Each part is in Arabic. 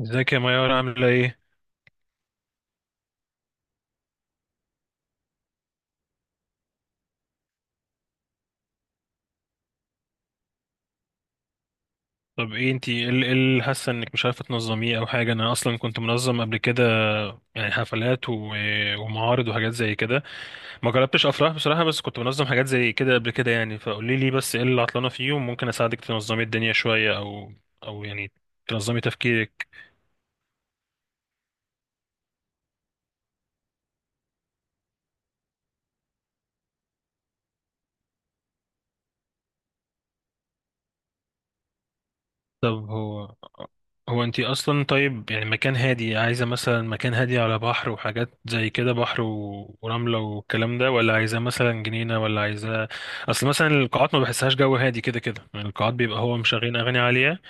ازيك يا ميار عاملة ايه؟ طب ايه انتي إيه اللي حاسة انك مش عارفة تنظميه او حاجة. انا اصلا كنت منظم قبل كده، يعني حفلات ومعارض وحاجات زي كده. ما جربتش افراح بصراحة، بس كنت منظم حاجات زي كده قبل كده، يعني فقولي لي بس ايه اللي عطلانة فيه وممكن اساعدك تنظمي الدنيا شوية، او يعني تنظمي تفكيرك. طب هو انتي اصلا، طيب يعني مكان هادي، عايزه مثلا مكان هادي على بحر وحاجات زي كده، بحر ورمله والكلام ده، ولا عايزه مثلا جنينه، ولا عايزه. اصل مثلا القاعات ما بحسهاش جو هادي كده كده، يعني القاعات بيبقى هو مشغلين اغاني عاليه.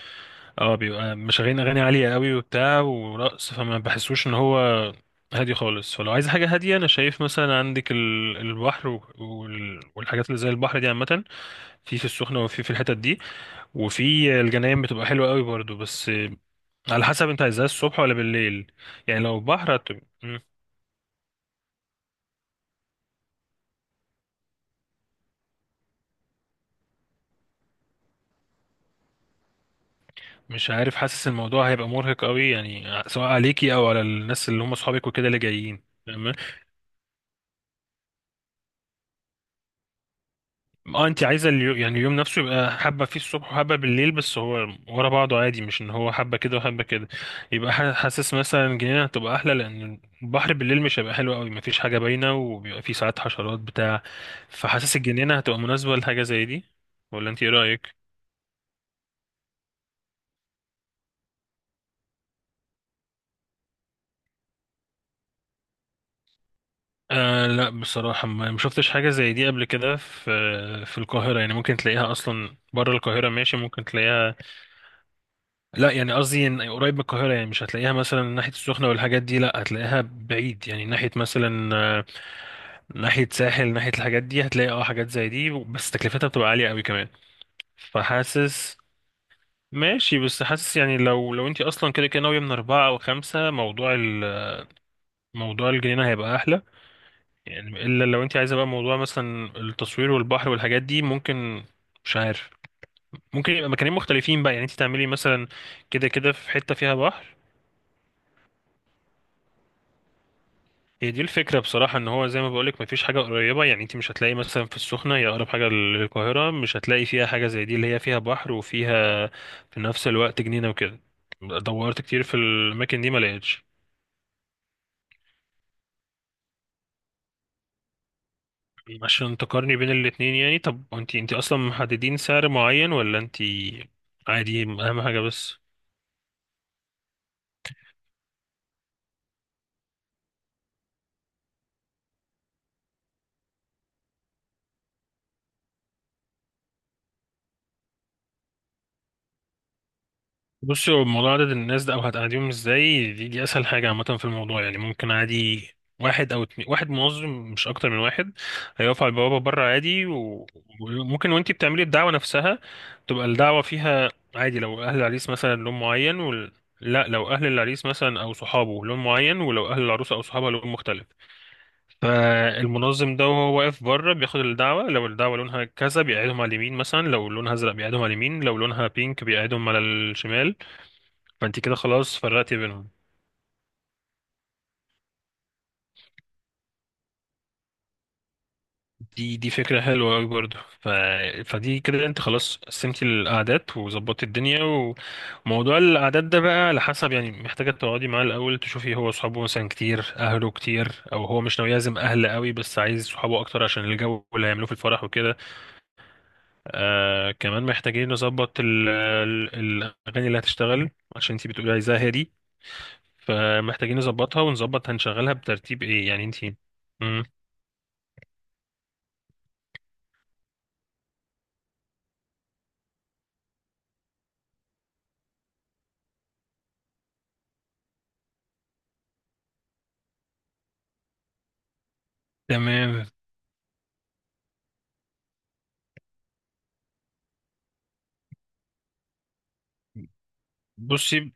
اه، بيبقى مشغلين اغاني عاليه قوي وبتاع ورقص، فما بحسوش ان هو هادي خالص. فلو عايز حاجه هاديه، انا شايف مثلا عندك البحر والحاجات اللي زي البحر دي عامه في السخنه، وفي الحتت دي، وفي الجناين بتبقى حلوة قوي برضو. بس على حسب انت عايزها الصبح ولا بالليل؟ يعني لو بحر م- مش عارف، حاسس الموضوع هيبقى مرهق قوي، يعني سواء عليكي او على الناس اللي هم اصحابك وكده اللي جايين. تمام. اه انت عايزه يعني اليوم نفسه يبقى حبه فيه الصبح وحبه بالليل، بس هو ورا بعضه عادي، مش ان هو حبه كده وحبه كده. يبقى حاسس مثلا جنينه هتبقى احلى، لان البحر بالليل مش هيبقى حلو قوي، مفيش حاجه باينه وبيبقى فيه ساعات حشرات بتاع. فحاسس الجنينه هتبقى مناسبه لحاجه زي دي، ولا انت ايه رايك؟ لا بصراحة ما شفتش حاجة زي دي قبل كده في القاهرة، يعني ممكن تلاقيها أصلا بره القاهرة، ماشي ممكن تلاقيها. لا يعني قصدي إن قريب من القاهرة، يعني مش هتلاقيها مثلا ناحية السخنة والحاجات دي، لا هتلاقيها بعيد، يعني ناحية مثلا ناحية ساحل، ناحية الحاجات دي هتلاقي اه حاجات زي دي، بس تكلفتها بتبقى عالية قوي كمان. فحاسس ماشي، بس حاسس يعني لو انت اصلا كده كده ناوية من أربعة أو خمسة، موضوع موضوع الجنينة هيبقى أحلى. يعني الا لو انت عايزه بقى موضوع مثلا التصوير والبحر والحاجات دي، ممكن، مش عارف، ممكن يبقى مكانين مختلفين بقى، يعني انت تعملي مثلا كده كده في حته فيها بحر. هي دي الفكره بصراحه، ان هو زي ما بقولك مفيش حاجه قريبه، يعني انت مش هتلاقي مثلا في السخنه، هي اقرب حاجه للقاهره، مش هتلاقي فيها حاجه زي دي اللي هي فيها بحر وفيها في نفس الوقت جنينه وكده. دورت كتير في الاماكن دي، ما لقيتش. عشان تقارني بين الاتنين، يعني طب انت اصلا محددين سعر معين ولا انت؟ عادي، اهم حاجه. بس بصي هو موضوع عدد الناس ده او هتقعديهم ازاي، دي اسهل حاجه عامه في الموضوع، يعني ممكن عادي واحد او اتنين، واحد منظم مش اكتر من واحد، هيقف على البوابه بره عادي وممكن وانتي بتعملي الدعوه نفسها تبقى الدعوه فيها عادي، لو اهل العريس مثلا لون معين لا لو اهل العريس مثلا او صحابه لون معين، ولو اهل العروسه او صحابها لون مختلف، فالمنظم ده وهو واقف بره بياخد الدعوه، لو الدعوه لونها كذا بيقعدهم على اليمين، مثلا لو لونها ازرق بيقعدهم على اليمين، لو لونها بينك بيقعدهم على الشمال. فانت كده خلاص فرقتي بينهم. دي فكرة حلوة أوي برضه فدي كده انت خلاص قسمتي الأعداد وظبطتي الدنيا. وموضوع الأعداد ده بقى على حسب، يعني محتاجة تقعدي معاه الأول تشوفي هو صحابه مثلا كتير، أهله كتير، أو هو مش ناوي يعزم أهل قوي، بس عايز صحابه أكتر عشان الجو اللي هيعملوه في الفرح وكده. آه كمان محتاجين نظبط الأغاني اللي هتشتغل، عشان انت بتقولي عايزاها هادي، فمحتاجين نظبطها ونظبط هنشغلها بترتيب ايه، يعني انت. مم. تمام. بصي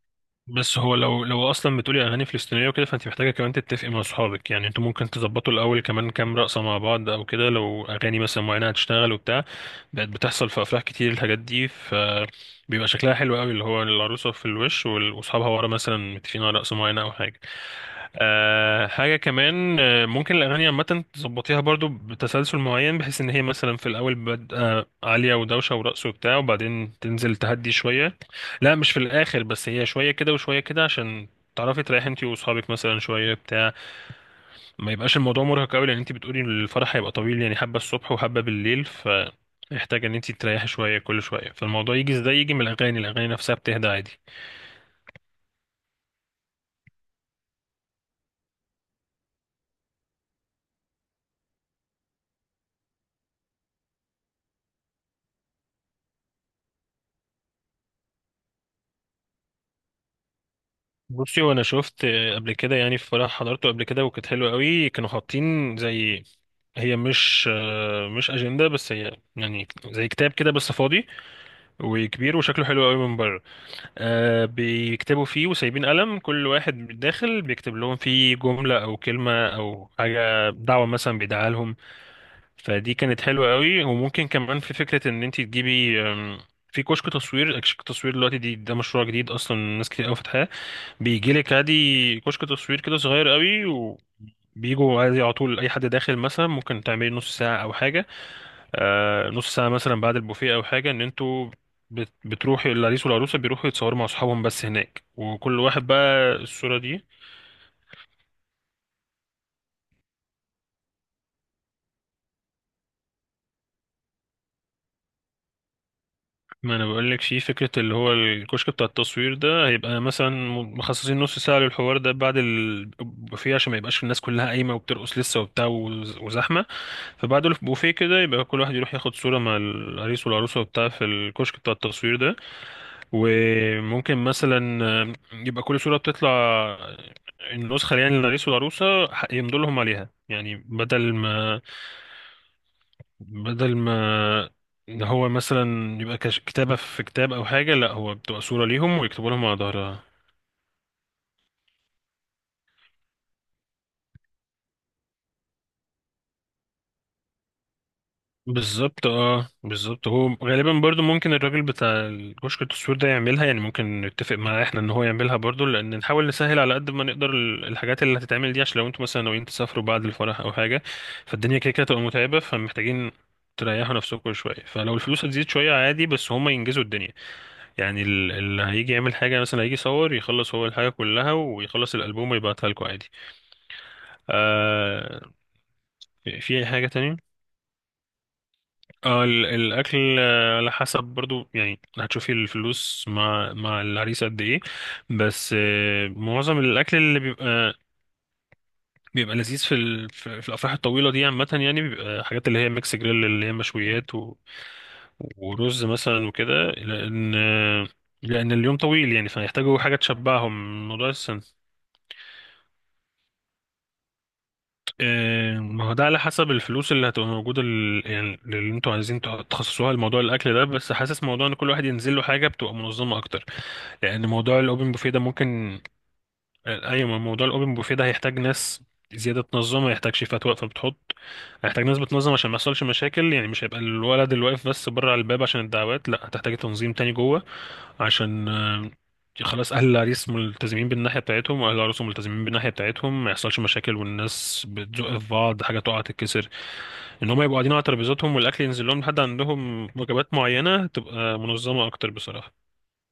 بس هو لو اصلا بتقولي اغاني فلسطينيه وكده، فانت محتاجه كمان تتفقي مع اصحابك، يعني انتوا ممكن تظبطوا الاول كمان كام رقصه مع بعض او كده، لو اغاني مثلا معينه هتشتغل وبتاع. بقت بتحصل في افراح كتير الحاجات دي، فبيبقى شكلها حلو قوي، اللي هو العروسه في الوش واصحابها ورا مثلا متفقين على رقصه معينه او حاجه. أه حاجه كمان، ممكن الاغاني عامه تظبطيها برضو بتسلسل معين، بحيث ان هي مثلا في الاول بادئه عاليه ودوشه ورقص وبتاع، وبعدين تنزل تهدي شويه. لا مش في الاخر بس، هي شويه كده وشويه كده عشان تعرفي تريحي انت واصحابك مثلا شويه بتاع. ما يبقاش الموضوع مرهق قوي، لان انت بتقولي إن الفرح هيبقى طويل، يعني حبه الصبح وحبه بالليل، فيحتاج ان انت تريحي شويه كل شويه، فالموضوع يجي ازاي؟ يجي من الاغاني، الاغاني نفسها بتهدى عادي. بصي وانا شفت قبل كده، يعني في فرح حضرته قبل كده وكانت حلوه قوي، كانوا حاطين زي، هي مش اجنده بس، هي يعني زي كتاب كده بس فاضي وكبير وشكله حلو قوي من بره. آه بيكتبوا فيه وسايبين قلم، كل واحد داخل بيكتب لهم فيه جملة أو كلمة أو حاجة، دعوة مثلا بيدعها لهم. فدي كانت حلوة قوي. وممكن كمان في فكرة إن أنت تجيبي في كشك تصوير. كشك تصوير دلوقتي دي، ده مشروع جديد أصلا ناس كتير قوي فاتحاه. بيجيلك عادي كشك تصوير كده صغير قوي، و بيجوا عادي على طول أي حد داخل مثلا ممكن تعملي نص ساعة أو حاجة. نص ساعة مثلا بعد البوفيه أو حاجة، إن أنتوا بتروحوا، العريس والعروسة بيروحوا يتصوروا مع أصحابهم بس هناك، وكل واحد بقى الصورة دي. ما أنا بقولك، شيء فكرة اللي هو الكشك بتاع التصوير ده هيبقى مثلا مخصصين نص ساعة للحوار ده بعد البوفيه، عشان ما يبقاش الناس كلها قايمة وبترقص لسه وبتاع وزحمة. فبعد البوفيه كده يبقى كل واحد يروح ياخد صورة مع العريس والعروسة وبتاع في الكشك بتاع التصوير ده. وممكن مثلا يبقى كل صورة بتطلع النسخة، يعني للعريس والعروسة يمضوا لهم عليها، يعني بدل ما إن هو مثلا يبقى كتابة في كتاب أو حاجة، لا هو بتبقى صورة ليهم ويكتبوا لهم على ظهرها. بالظبط اه بالظبط. هو غالبا برضو ممكن الراجل بتاع الكشك التصوير ده يعملها، يعني ممكن نتفق معاه احنا ان هو يعملها برضو، لان نحاول نسهل على قد ما نقدر الحاجات اللي هتتعمل دي، عشان لو انتوا مثلا ناويين تسافروا بعد الفرح او حاجة، فالدنيا كده كده تبقى متعبة، فمحتاجين تريحوا نفسكم شوية، فلو الفلوس هتزيد شوية عادي بس هما ينجزوا الدنيا. يعني اللي هيجي يعمل حاجة مثلا، هيجي يصور يخلص هو الحاجة كلها ويخلص الألبوم ويبعتها لكم عادي. آه، في أي حاجة. اه الاكل، على حسب برضو، يعني هتشوفي الفلوس مع العريس قد ايه. بس معظم الاكل اللي بيبقى، بيبقى لذيذ في الافراح الطويله دي عامه، يعني بيبقى حاجات اللي هي ميكس جريل، اللي هي مشويات ورز مثلا وكده، لان لان اليوم طويل، يعني فهيحتاجوا حاجه تشبعهم. موضوع السن. ما هو ده على حسب الفلوس اللي هتبقى موجوده، يعني اللي انتوا عايزين تخصصوها لموضوع الاكل ده، بس حاسس موضوع ان كل واحد ينزل له حاجه بتبقى منظمه اكتر، لان موضوع الاوبن بوفيه ده ممكن. ايوه ما موضوع الاوبن بوفيه ده هيحتاج ناس زياده تنظم، هيحتاج شيفات واقفه بتحط، هيحتاج ناس بتنظم عشان ما يحصلش مشاكل، يعني مش هيبقى الولد اللي واقف بس بره على الباب عشان الدعوات، لا هتحتاج تنظيم تاني جوه عشان خلاص اهل العريس ملتزمين بالناحيه بتاعتهم واهل العروس ملتزمين بالناحيه بتاعتهم، ما يحصلش مشاكل والناس بتزق في بعض حاجه تقع تتكسر. ان هم يبقوا قاعدين على ترابيزاتهم والاكل ينزل لهم لحد عندهم وجبات معينه، تبقى منظمه اكتر بصراحه،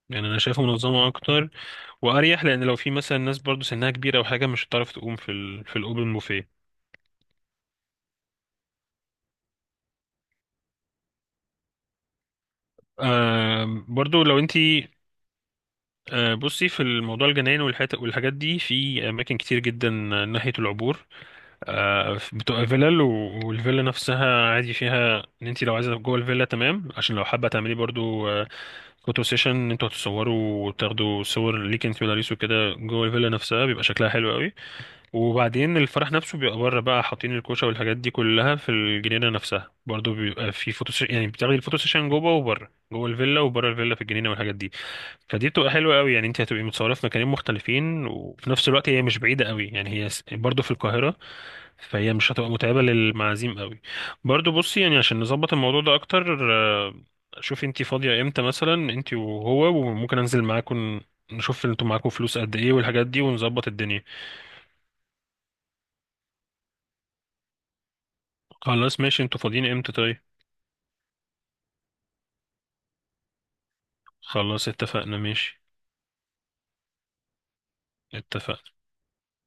يعني انا شايفها منظمه اكتر واريح، لان لو في مثلا ناس برضو سنها كبيره او حاجه، مش هتعرف تقوم في الاوبن بوفيه. آه برضو لو انت. آه بصي في الموضوع الجناين والحت والحاجات دي في اماكن كتير جدا، ناحيه العبور. آه بتبقى فيلل والفيلا نفسها عادي فيها ان انت لو عايزه جوه الفيلا، تمام، عشان لو حابه تعملي برضو فوتو سيشن، انتوا هتصوروا وتاخدوا صور ليك انت ولاريس وكده، جوه الفيلا نفسها بيبقى شكلها حلو قوي، وبعدين الفرح نفسه بيبقى بره بقى، حاطين الكوشه والحاجات دي كلها في الجنينه نفسها. برضو بيبقى في فوتو سيشن، يعني بتاخدي الفوتو سيشن جوه وبره، جوه الفيلا وبره الفيلا في الجنينه والحاجات دي. فدي بتبقى حلوه قوي، يعني انت هتبقي متصوره في مكانين مختلفين، وفي نفس الوقت هي مش بعيده قوي، يعني هي برضو في القاهره، فهي مش هتبقى متعبه للمعازيم قوي. برضو بصي، يعني عشان نظبط الموضوع ده اكتر، شوفي انت فاضيه امتى مثلا انت وهو، وممكن انزل معاكم، نشوف انتوا معاكم فلوس قد ايه والحاجات دي ونظبط الدنيا. خلاص ماشي، انتوا فاضيين امتى طيب؟ خلاص اتفقنا ماشي. اتفقنا.